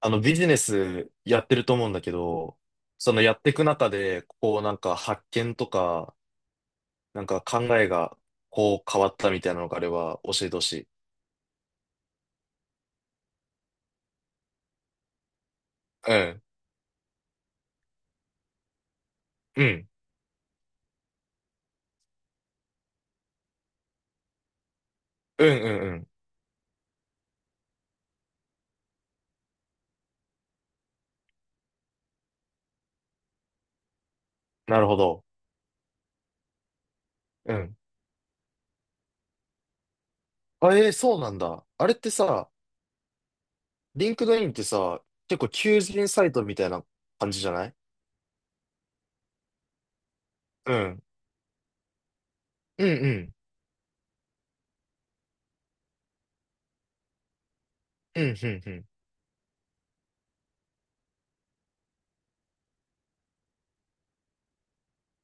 ビジネスやってると思うんだけど、そのやっていく中で、発見とか、考えが変わったみたいなのがあれば教えてほしい。うん。うん。うんうんうん。なるほど。うん。あ、えーそうなんだ。あれってさ、リンクドインってさ、結構求人サイトみたいな感じじゃない？うん。うんうん。うんうんうん。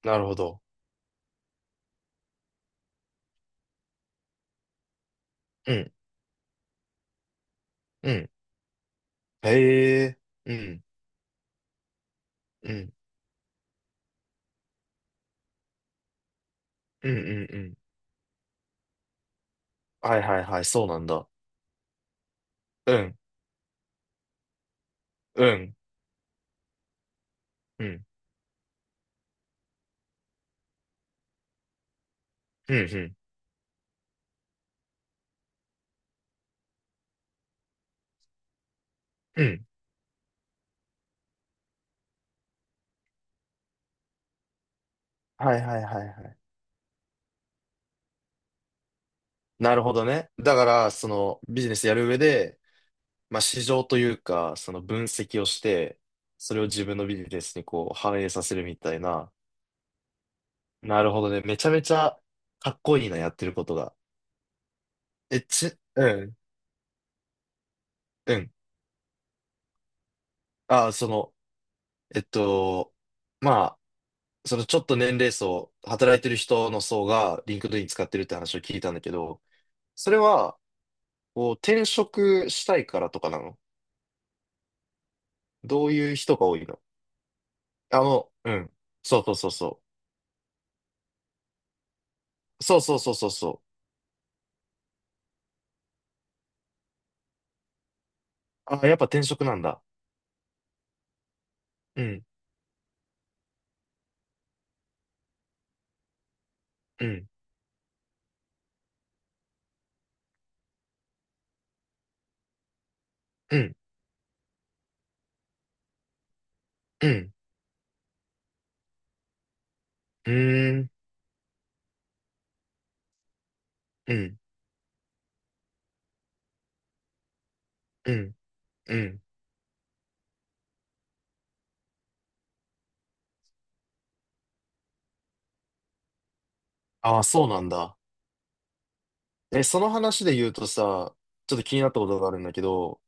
なるほど。うん。うん。へえ。うん。うん。うんうんうん。はいはいはい、そうなんだ。うん。うん。うん。うん。うん。うん。はいはいはいはい。なるほどね。だから、そのビジネスやる上で、市場というか、その分析をして、それを自分のビジネスに反映させるみたいな。なるほどね。めちゃめちゃかっこいいな、やってることが。え、ち、うん、うん。あ、その、えっと、まあ、そのちょっと年齢層、働いてる人の層がリンクドイン使ってるって話を聞いたんだけど、それは、こう転職したいからとかなの？どういう人が多いの？あの、うん。そうそうそうそう。そうそうそうそうそう。あ、やっぱ転職なんだ。うん、うん、うん、うん、うーん、うん、うん、うん。あ、そうなんだ。え、その話で言うとさ、ちょっと気になったことがあるんだけど、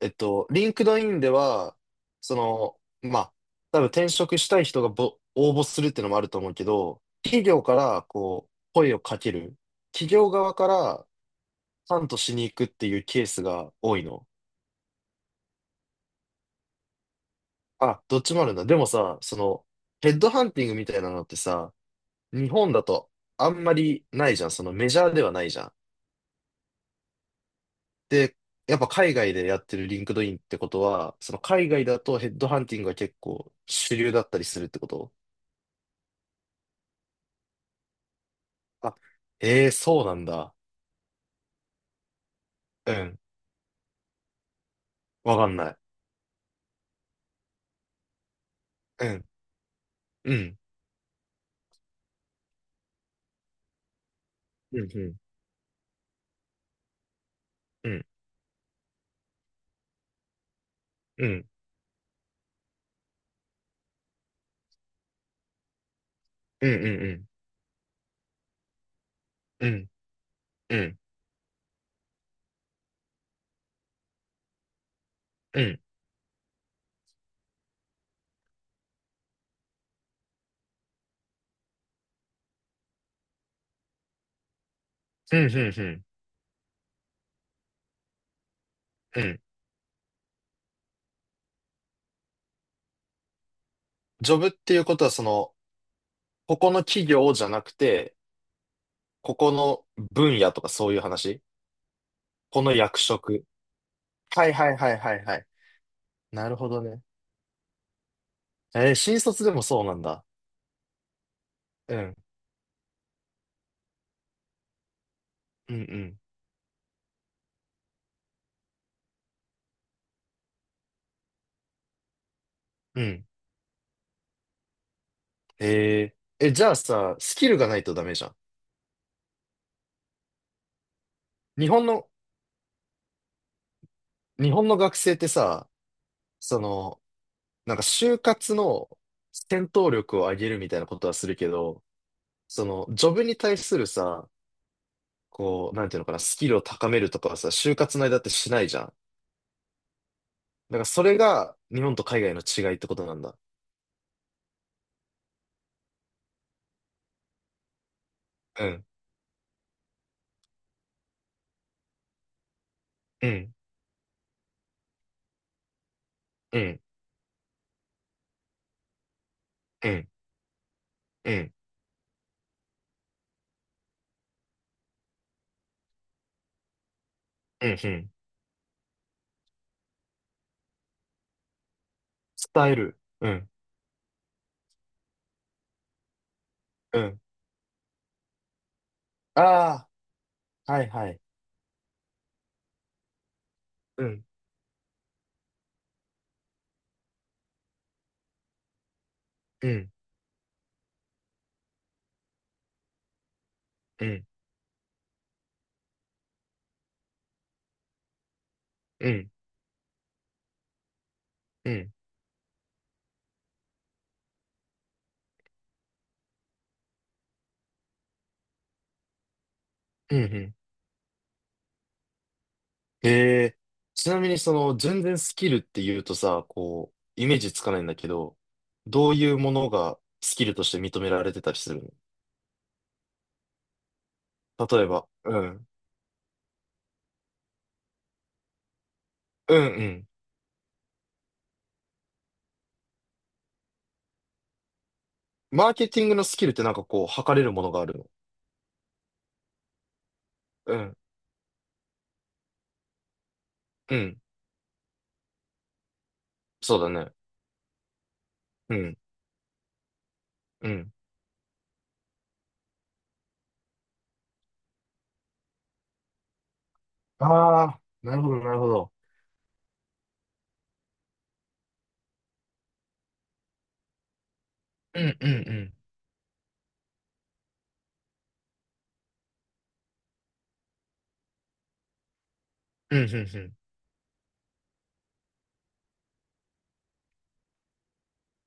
リンクドインでは、その、多分転職したい人が応募するっていうのもあると思うけど、企業からこう、声をかける。企業側からハントしに行くっていうケースが多いの？あ、どっちもあるんだ。でもさ、その、ヘッドハンティングみたいなのってさ、日本だとあんまりないじゃん。そのメジャーではないじゃん。で、やっぱ海外でやってるリンクドインってことは、その海外だとヘッドハンティングが結構主流だったりするってこと？あ、ええーそうなんだ。うん。わかんない。うん。うん。うん。うん。うん。うん。うん。うん。うん。うん。うん。うん。うん。うん。ジョブっていうことは、その、ここの企業じゃなくて、ここの分野とかそういう話？この役職。はいはいはいはいはい。なるほどね。えー新卒でもそうなんだ。うん。うんうん。うん。えー、え、じゃあさ、スキルがないとダメじゃん。日本の、日本の学生ってさ、その、就活の戦闘力を上げるみたいなことはするけど、その、ジョブに対するさ、こう、なんていうのかな、スキルを高めるとかはさ、就活の間ってしないじゃん。だからそれが日本と海外の違いってことなんだ。うん。うんうん、うん、うん、うん、うん。伝える。うん、うん。ああ、はい、はい。うん、うん、うん、うん、うん、うん、うん。へえ、ちなみにその、全然スキルって言うとさ、こう、イメージつかないんだけど、どういうものがスキルとして認められてたりするの？例えば、うん、うん、うん。マーケティングのスキルってこう、測れるものがあるの？うん、うん、そうだね。うん、うん。ああ、なるほど、なるほど。うん、うん、うん、うん、うん、うん。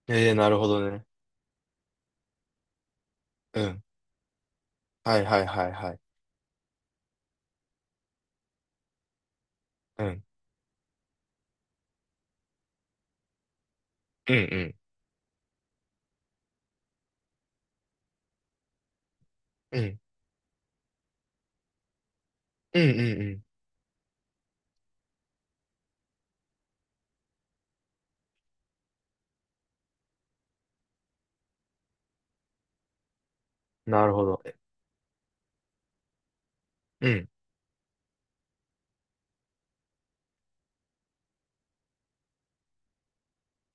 ええー、なるほどね。うん。はいはいはいはい。うん。うんうん。うん。うんうんうん。なるほど。うん。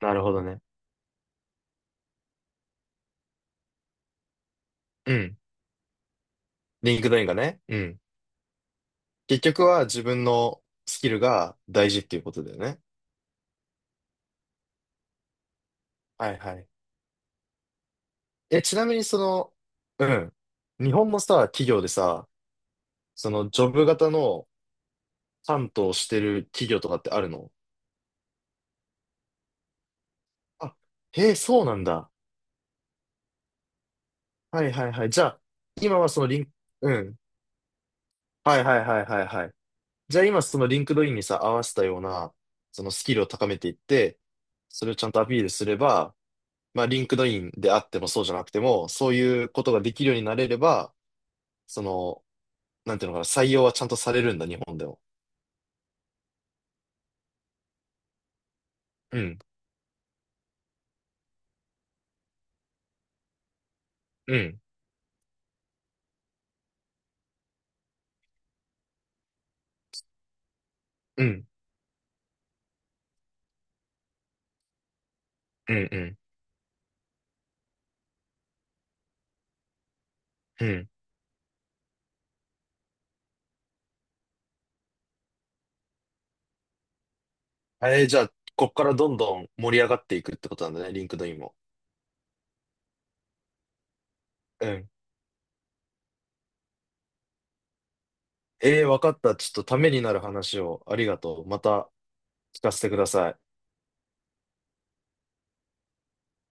なるほどね。うん。リンクドインがね。うん。結局は自分のスキルが大事っていうことだよね。はいはい。え、ちなみにその、うん。日本のさ、企業でさ、そのジョブ型の担当してる企業とかってあるの？あ、へえ、そうなんだ。はいはいはい。じゃあ、今はそのリン、うん。はいはいはいはいはい。じゃあ今そのリンクドインにさ、合わせたような、そのスキルを高めていって、それをちゃんとアピールすれば、リンクドインであってもそうじゃなくても、そういうことができるようになれれば、その、なんていうのかな、採用はちゃんとされるんだ、日本でも。うん、うん、うん、うん、うん、うん。えー、じゃあ、こっからどんどん盛り上がっていくってことなんだね、リンクドインも。うん。えー、わかった。ちょっとためになる話をありがとう。また聞かせてください。